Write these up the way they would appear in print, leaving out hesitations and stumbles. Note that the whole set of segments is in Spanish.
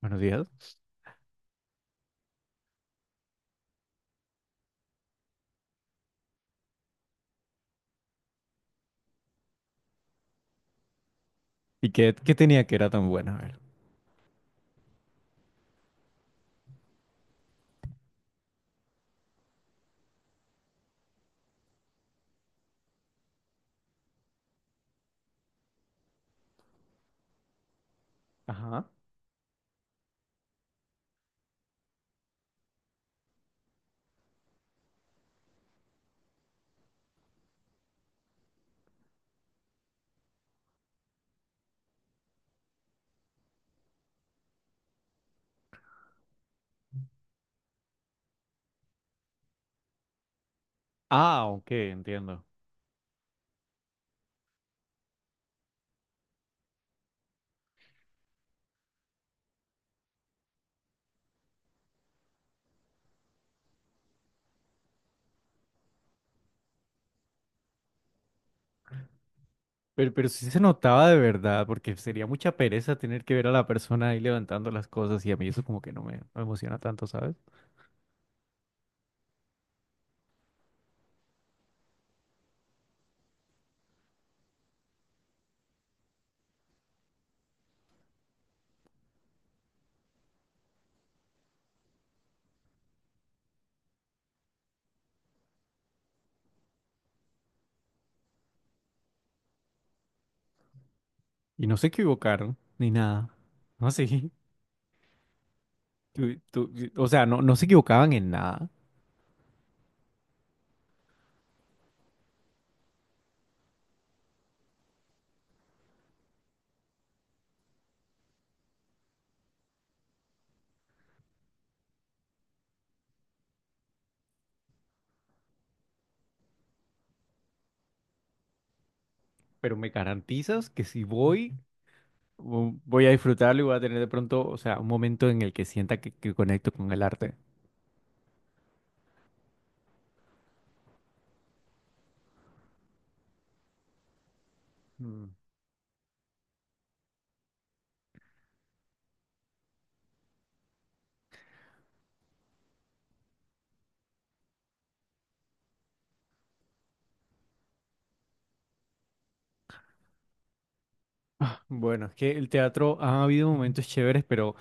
Buenos días. ¿Y qué, qué tenía que era tan buena? A ver. Ajá. Ah, ok, entiendo. Pero sí se notaba de verdad, porque sería mucha pereza tener que ver a la persona ahí levantando las cosas y a mí eso como que no me emociona tanto, ¿sabes? Y no se equivocaron, ni nada. No sé. tú- tú- o sea, no, no se equivocaban en nada, pero me garantizas que si voy, voy a disfrutarlo y voy a tener de pronto, o sea, un momento en el que sienta que conecto con el arte. Mm. Bueno, es que el teatro ha habido momentos chéveres, pero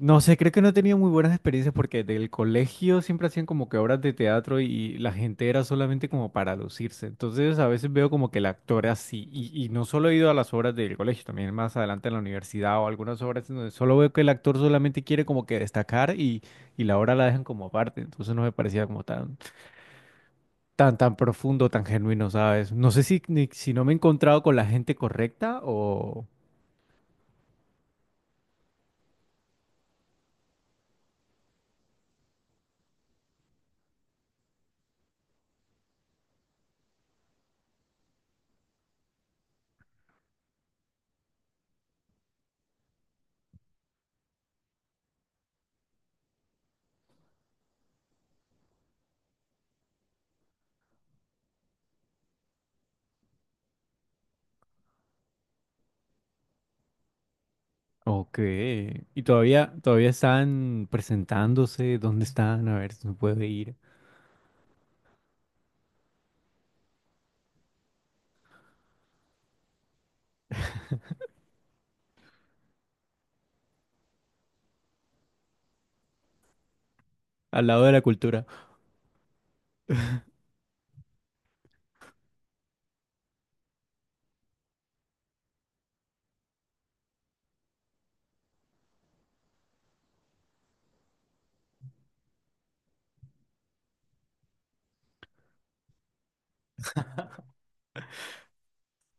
no sé, creo que no he tenido muy buenas experiencias porque del colegio siempre hacían como que obras de teatro y la gente era solamente como para lucirse. Entonces a veces veo como que el actor así, y no solo he ido a las obras del colegio, también más adelante en la universidad o algunas obras en donde solo veo que el actor solamente quiere como que destacar, y la obra la dejan como aparte. Entonces no me parecía como tan profundo, tan genuino, ¿sabes? No sé si, si no me he encontrado con la gente correcta o... Ok. ¿Y todavía están presentándose? ¿Dónde están? A ver si me puedo ir. Al lado de la cultura.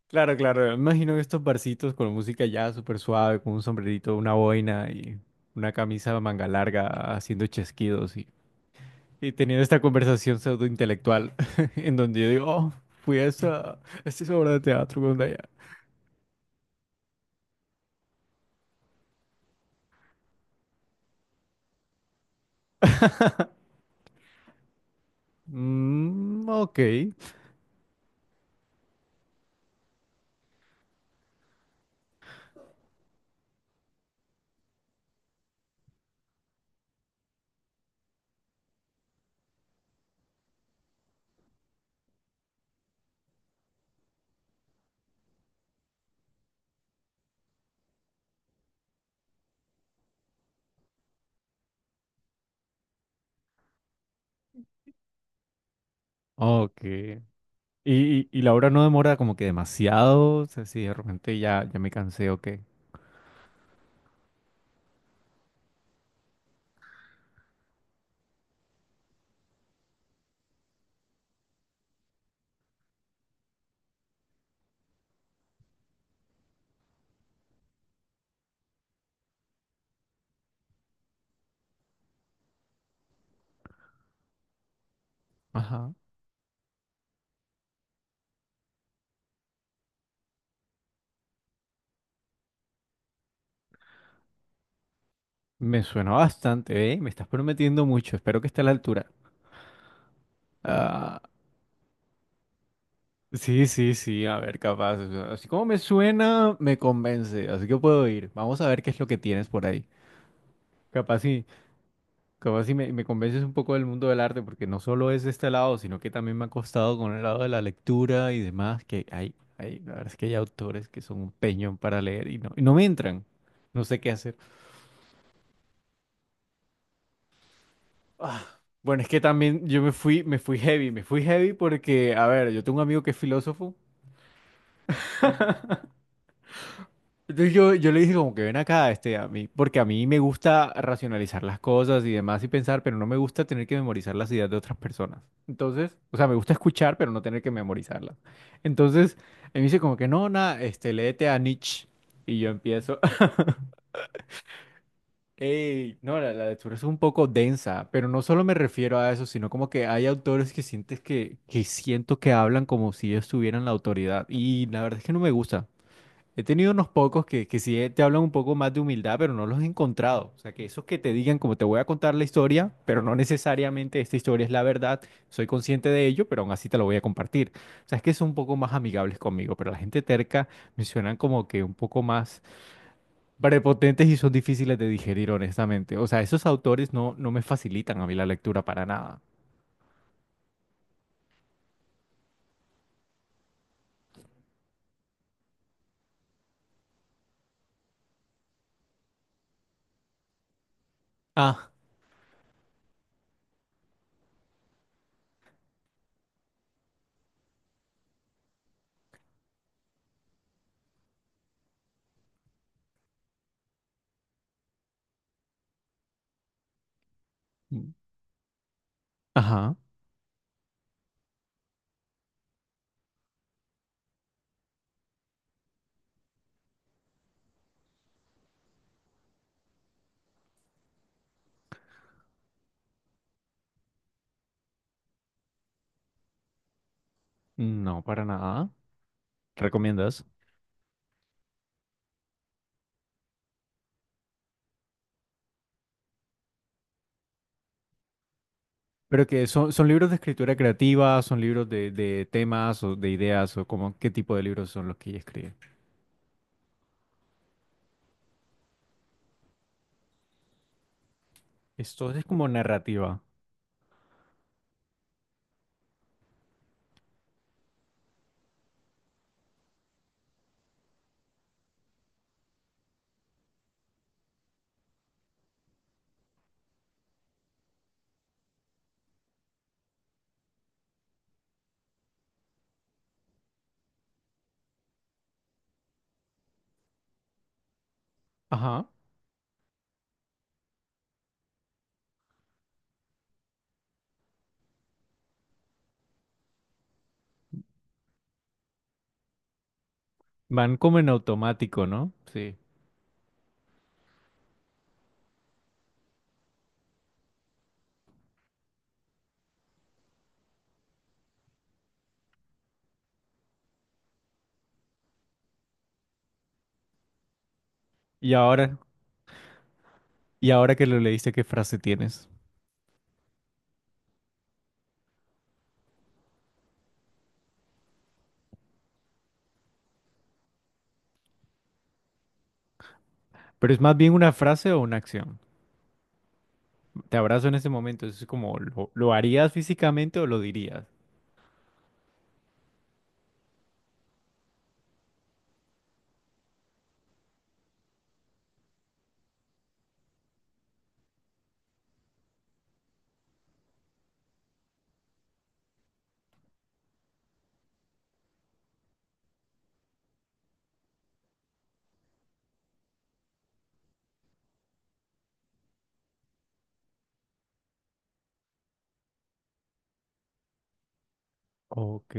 Claro, claro. Me imagino que estos barcitos con música ya súper suave, con un sombrerito, una boina y una camisa de manga larga haciendo chasquidos, y teniendo esta conversación pseudo intelectual en donde yo digo, oh, fui a esa obra de teatro cuando allá. Mm, ok. Ok. Y, y la obra no demora como que demasiado, o sea, si de repente ya me cansé o qué. Ajá. Me suena bastante, ¿eh? Me estás prometiendo mucho, espero que esté a la altura. Ah, sí, sí, sí, a ver, capaz. O sea, así como me suena, me convence, así que puedo ir. Vamos a ver qué es lo que tienes por ahí. Capaz sí. Como si me convences un poco del mundo del arte, porque no solo es este lado, sino que también me ha costado con el lado de la lectura y demás, que hay, la verdad es que hay autores que son un peñón para leer y no me entran. No sé qué hacer. Ah, bueno, es que también yo me fui heavy porque, a ver, yo tengo un amigo que es filósofo. Entonces yo le dije como que ven acá, este, a mí, porque a mí me gusta racionalizar las cosas y demás y pensar, pero no me gusta tener que memorizar las ideas de otras personas. Entonces, o sea, me gusta escuchar, pero no tener que memorizarlas. Entonces, él me dice como que no, nada, este, léete a Nietzsche. Y yo empiezo, ey, no, la lectura es un poco densa, pero no solo me refiero a eso, sino como que hay autores que sientes que siento que hablan como si ellos tuvieran la autoridad. Y la verdad es que no me gusta. He tenido unos pocos que sí te hablan un poco más de humildad, pero no los he encontrado. O sea, que esos que te digan, como te voy a contar la historia, pero no necesariamente esta historia es la verdad, soy consciente de ello, pero aún así te lo voy a compartir. O sea, es que son un poco más amigables conmigo, pero la gente terca me suenan como que un poco más prepotentes y son difíciles de digerir, honestamente. O sea, esos autores no, no me facilitan a mí la lectura para nada. Ah, mm, ajá, no, para nada. ¿Recomiendas? Pero que son, son libros de escritura creativa, son libros de temas o de ideas o como qué tipo de libros son los que ella escribe. Esto es como narrativa. Ajá. Van como en automático, ¿no? Sí. Y ahora, y ahora que lo leíste, ¿qué frase tienes? Pero es más bien una frase o una acción. Te abrazo en ese momento. Es como, lo harías físicamente o lo dirías? Ok.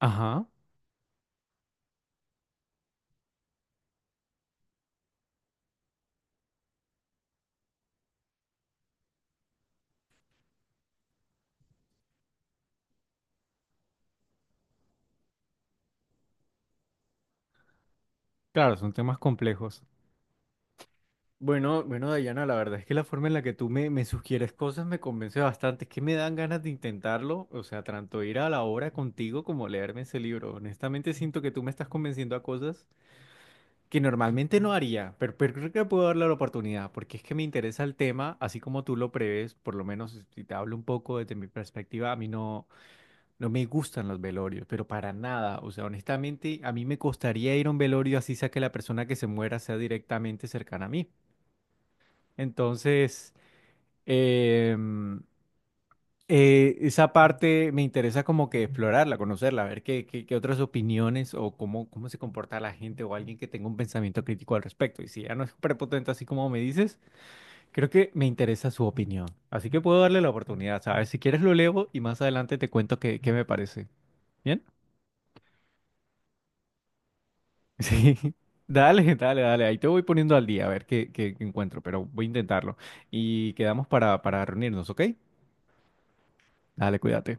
Ajá. Claro, son temas complejos. Bueno, bueno, Dayana, la verdad es que la forma en la que tú me sugieres cosas me convence bastante, es que me dan ganas de intentarlo, o sea, tanto ir a la obra contigo como leerme ese libro. Honestamente siento que tú me estás convenciendo a cosas que normalmente no haría, pero creo que puedo darle la oportunidad, porque es que me interesa el tema, así como tú lo prevés, por lo menos si te hablo un poco desde mi perspectiva, a mí no, no me gustan los velorios, pero para nada, o sea, honestamente a mí me costaría ir a un velorio así sea que la persona que se muera sea directamente cercana a mí. Entonces, em, esa parte me interesa como que explorarla, conocerla, ver qué otras opiniones o cómo, cómo se comporta la gente o alguien que tenga un pensamiento crítico al respecto. Y si ya no es prepotente así como me dices, creo que me interesa su opinión. Así que puedo darle la oportunidad, ¿sabes? Si quieres lo leo y más adelante te cuento qué me parece. ¿Bien? Sí. Dale, dale, dale. Ahí te voy poniendo al día a ver qué encuentro, pero voy a intentarlo. Y quedamos para reunirnos, ¿ok? Dale, cuídate.